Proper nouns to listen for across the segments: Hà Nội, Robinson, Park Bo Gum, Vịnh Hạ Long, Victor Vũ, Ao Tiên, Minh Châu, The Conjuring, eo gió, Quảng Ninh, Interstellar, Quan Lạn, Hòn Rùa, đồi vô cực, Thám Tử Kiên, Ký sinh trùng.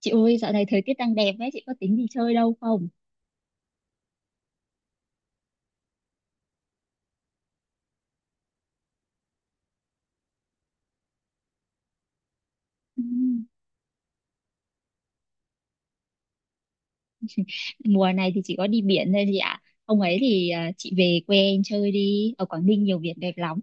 Chị ơi, dạo này thời tiết đang đẹp ấy, chị có tính đi chơi đâu không? Ừ. Mùa này thì chỉ có đi biển thôi chị ạ. Hôm ấy thì chị về quê em chơi đi, ở Quảng Ninh nhiều biển đẹp lắm.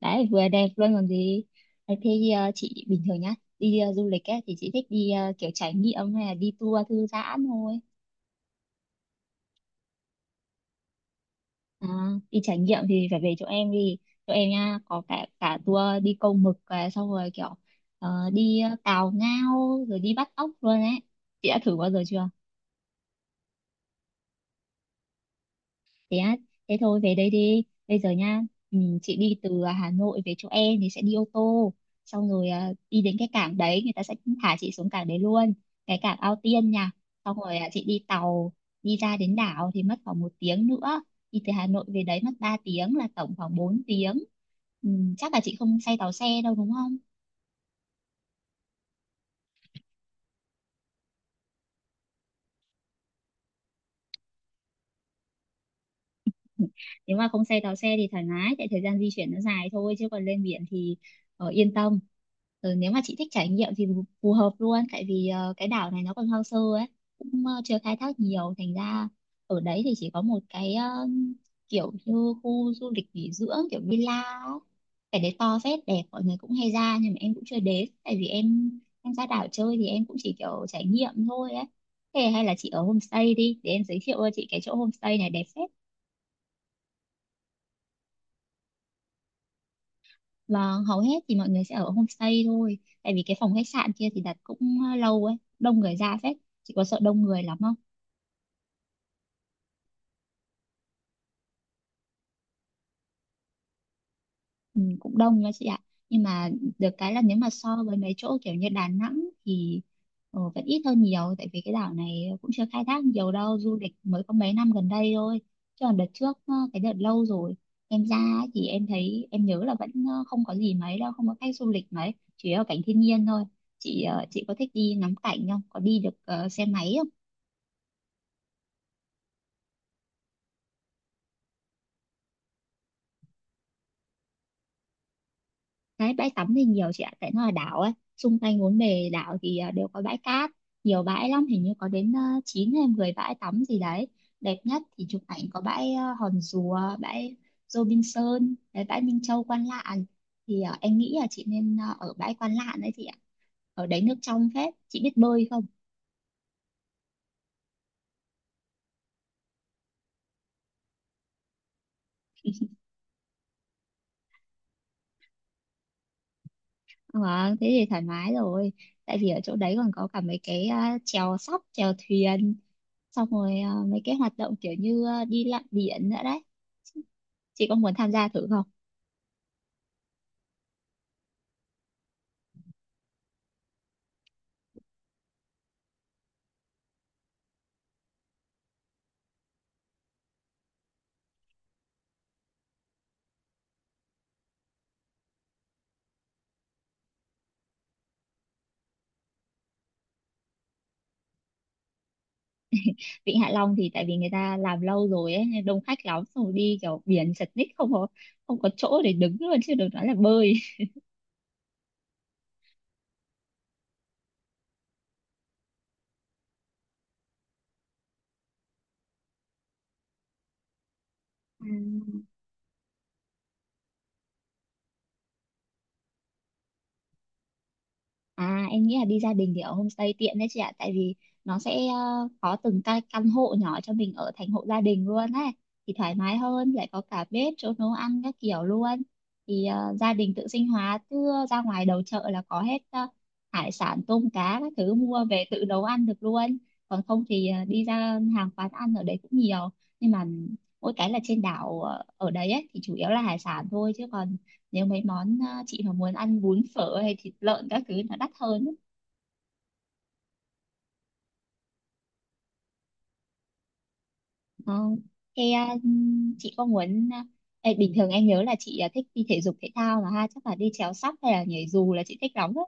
Đấy, vừa đẹp luôn còn gì. Đấy, thế à, chị bình thường nhá, đi du lịch ấy, thì chị thích đi kiểu trải nghiệm hay là đi tour thư giãn thôi. À, đi trải nghiệm thì phải về chỗ em đi. Chỗ em nha, có cả cả tour đi câu mực, xong rồi kiểu đi cào ngao, rồi đi bắt ốc luôn ấy. Chị đã thử bao giờ chưa? Thế á? Thế thôi, về đây đi bây giờ nha. Ừ, chị đi từ Hà Nội về chỗ em thì sẽ đi ô tô, xong rồi đi đến cái cảng đấy, người ta sẽ thả chị xuống cảng đấy luôn, cái cảng Ao Tiên nha. Xong rồi chị đi tàu đi ra đến đảo thì mất khoảng 1 tiếng nữa. Đi từ Hà Nội về đấy mất 3 tiếng, là tổng khoảng 4 tiếng. ừ, Chắc là chị không say tàu xe đâu đúng không? Nếu mà không tàu xe thì thoải mái, tại thời gian di chuyển nó dài thôi chứ còn lên biển thì yên tâm. Rồi nếu mà chị thích trải nghiệm thì phù phù hợp luôn, tại vì cái đảo này nó còn hoang sơ ấy, cũng chưa khai thác nhiều. Thành ra ở đấy thì chỉ có một cái kiểu như khu du lịch nghỉ dưỡng kiểu villa ấy. Cái đấy to phết, đẹp, mọi người cũng hay ra nhưng mà em cũng chưa đến, tại vì em ra đảo chơi thì em cũng chỉ kiểu trải nghiệm thôi ấy. Thế hay là chị ở homestay đi, để em giới thiệu cho chị cái chỗ homestay này đẹp phết. Vâng, hầu hết thì mọi người sẽ ở homestay thôi. Tại vì cái phòng khách sạn kia thì đặt cũng lâu ấy, đông người ra phết. Chị có sợ đông người lắm không? Ừ, cũng đông nha chị ạ, nhưng mà được cái là nếu mà so với mấy chỗ kiểu như Đà Nẵng thì vẫn ít hơn nhiều, tại vì cái đảo này cũng chưa khai thác nhiều đâu, du lịch mới có mấy năm gần đây thôi, chứ còn đợt trước, cái đợt lâu rồi em ra ấy thì em thấy, em nhớ là vẫn không có gì mấy đâu, không có khách du lịch mấy, chỉ có cảnh thiên nhiên thôi. Chị có thích đi ngắm cảnh không, có đi được xe máy không? Đấy, bãi tắm thì nhiều chị ạ, tại nó là đảo ấy. Xung quanh bốn bề đảo thì đều có bãi cát, nhiều bãi lắm, hình như có đến 9 hay 10 bãi tắm gì đấy. Đẹp nhất thì chụp ảnh có bãi Hòn Rùa, bãi Robinson, đấy, bãi Minh Châu, Quan Lạn. Thì em nghĩ là chị nên ở bãi Quan Lạn đấy chị ạ. Ở đấy nước trong phết, chị biết bơi không? Ờ, thế thì thoải mái rồi. Tại vì ở chỗ đấy còn có cả mấy cái chèo sóc, chèo thuyền, xong rồi mấy cái hoạt động kiểu như đi lặn biển nữa đấy, chị có muốn tham gia thử không? Vịnh Hạ Long thì tại vì người ta làm lâu rồi ấy nên đông khách lắm, xong rồi đi kiểu biển chật ních, không có chỗ để đứng luôn chứ đừng nói là bơi. Ừ. À, em nghĩ là đi gia đình thì ở homestay tiện đấy chị ạ. Tại vì nó sẽ có từng căn hộ nhỏ cho mình ở, thành hộ gia đình luôn ấy. Thì thoải mái hơn, lại có cả bếp, chỗ nấu ăn các kiểu luôn. Thì gia đình tự sinh hoạt, cứ ra ngoài đầu chợ là có hết hải sản, tôm cá các thứ, mua về tự nấu ăn được luôn. Còn không thì đi ra hàng quán ăn ở đấy cũng nhiều. Nhưng mà mỗi cái là trên đảo ở đấy ấy, thì chủ yếu là hải sản thôi. Chứ còn nếu mấy món chị mà muốn ăn bún phở hay thịt lợn các thứ nó đắt hơn ấy. Ờ, thế à, chị có muốn ê, bình thường em nhớ là chị thích đi thể dục thể thao mà ha, chắc là đi trèo sắp hay là nhảy dù là chị thích lắm đấy.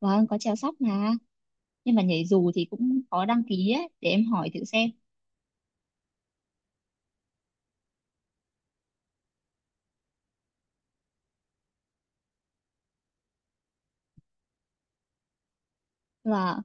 Vâng, có trèo sắp mà, nhưng mà nhảy dù thì cũng có đăng ký ấy, để em hỏi thử xem. Và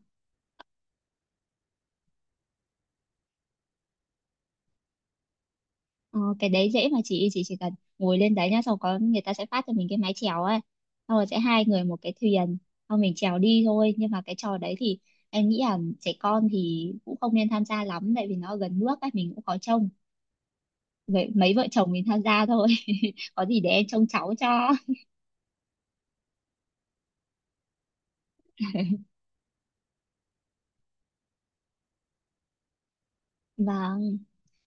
Ờ, cái đấy dễ mà, chị chỉ cần ngồi lên đấy nhá, xong có người ta sẽ phát cho mình cái mái chèo ấy, xong rồi sẽ hai người một cái thuyền, xong mình chèo đi thôi. Nhưng mà cái trò đấy thì em nghĩ là trẻ con thì cũng không nên tham gia lắm, tại vì nó gần nước ấy, mình cũng khó trông, vậy mấy vợ chồng mình tham gia thôi. Có gì để em trông cháu cho. Vâng,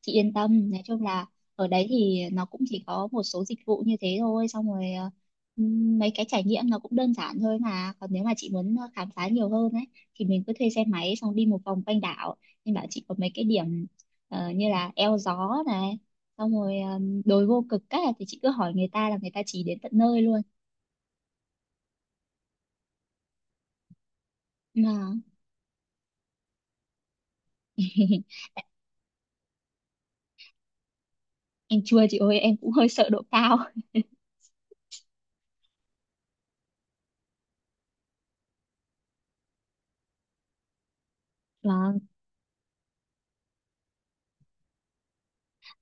chị yên tâm, nói chung là ở đấy thì nó cũng chỉ có một số dịch vụ như thế thôi, xong rồi mấy cái trải nghiệm nó cũng đơn giản thôi mà. Còn nếu mà chị muốn khám phá nhiều hơn ấy, thì mình cứ thuê xe máy xong đi một vòng quanh đảo. Nên bảo chị có mấy cái điểm như là eo gió này, xong rồi đồi vô cực các là thì chị cứ hỏi người ta là người ta chỉ đến tận nơi luôn. Mà em chua chị ơi, em cũng hơi sợ độ cao. Vâng.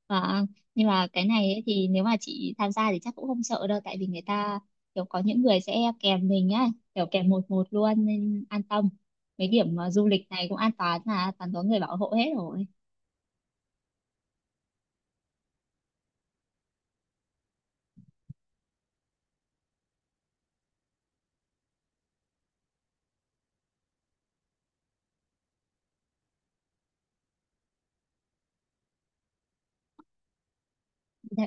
À, nhưng mà cái này ấy, thì nếu mà chị tham gia thì chắc cũng không sợ đâu, tại vì người ta kiểu có những người sẽ kèm mình á, kiểu kèm một một luôn nên an tâm. Mấy điểm du lịch này cũng an toàn, là toàn có người bảo hộ hết rồi. Dạ,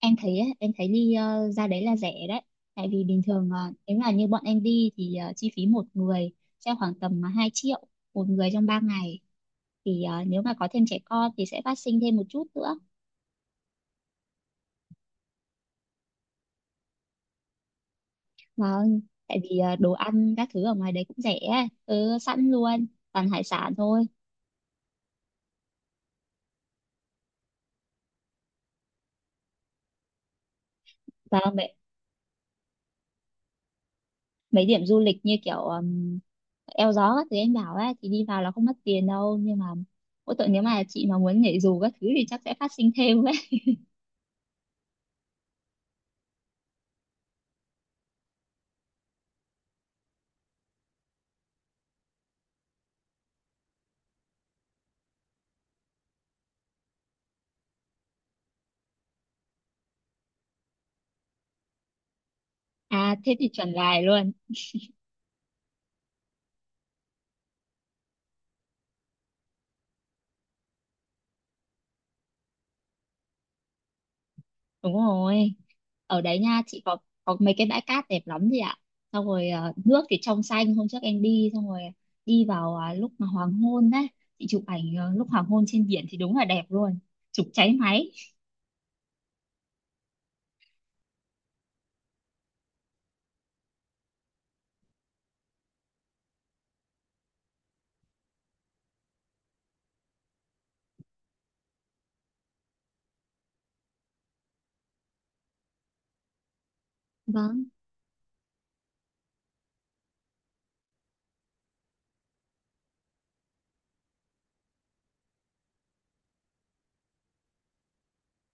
em thấy ấy, em thấy đi ra đấy là rẻ đấy, tại vì bình thường nếu mà như bọn em đi thì chi phí một người sẽ khoảng tầm 2 triệu một người trong 3 ngày. Thì nếu mà có thêm trẻ con thì sẽ phát sinh thêm một chút nữa. Vâng, tại vì đồ ăn các thứ ở ngoài đấy cũng rẻ, ấy. Ừ, Sẵn luôn, toàn hải sản thôi. Và mấy điểm du lịch như kiểu eo gió các thứ em bảo ấy, thì đi vào là không mất tiền đâu. Nhưng mà mỗi tội nếu mà chị mà muốn nhảy dù các thứ thì chắc sẽ phát sinh thêm ấy. À, thế thì chuẩn lại luôn. Đúng rồi. Ở đấy nha, chị có mấy cái bãi cát đẹp lắm chị ạ. Xong rồi nước thì trong xanh, hôm trước em đi xong rồi đi vào lúc mà hoàng hôn đấy, chị chụp ảnh lúc hoàng hôn trên biển thì đúng là đẹp luôn. Chụp cháy máy. Vâng.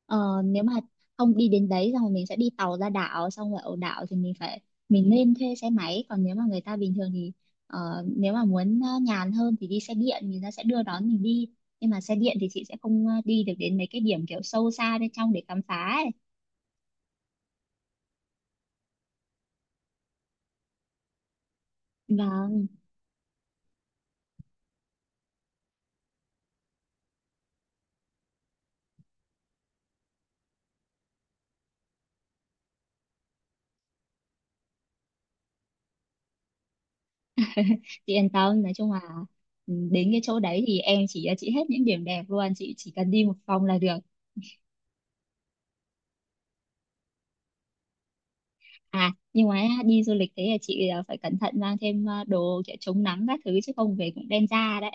Ờ, nếu mà không đi đến đấy xong rồi mình sẽ đi tàu ra đảo, xong rồi ở đảo thì mình phải, mình nên thuê xe máy, còn nếu mà người ta bình thường thì ờ, nếu mà muốn nhàn hơn thì đi xe điện, người ta sẽ đưa đón mình đi. Nhưng mà xe điện thì chị sẽ không đi được đến mấy cái điểm kiểu sâu xa bên trong để khám phá ấy. Vâng, chị yên tâm, nói chung là đến cái chỗ đấy thì em chỉ cho chị hết những điểm đẹp luôn, chị chỉ cần đi một vòng là được. À, nhưng mà đi du lịch thế là chị phải cẩn thận mang thêm đồ kiểu chống nắng các thứ, chứ không về cũng đen da đấy.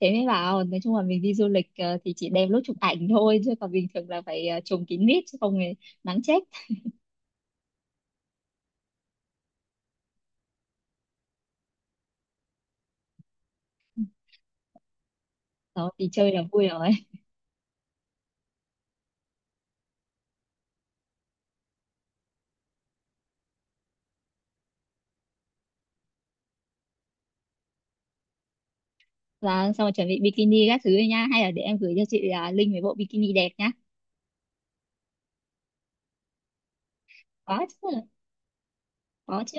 Thế mới bảo, nói chung là mình đi du lịch thì chỉ đem lúc chụp ảnh thôi, chứ còn bình thường là phải trùm kín mít chứ không thì nắng chết. Đó thì chơi là vui rồi. Và xong rồi chuẩn bị bikini các thứ nha, hay là để em gửi cho chị link về bộ bikini đẹp nhá. Có chứ. Có chứ.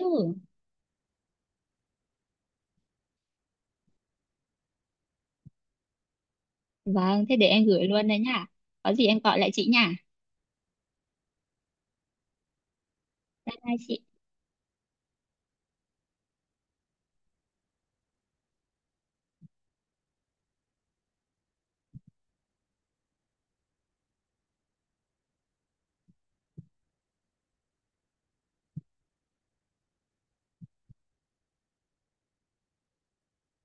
Vâng, thế để em gửi luôn đây nhá. Có gì em gọi lại chị nha. Bye bye chị.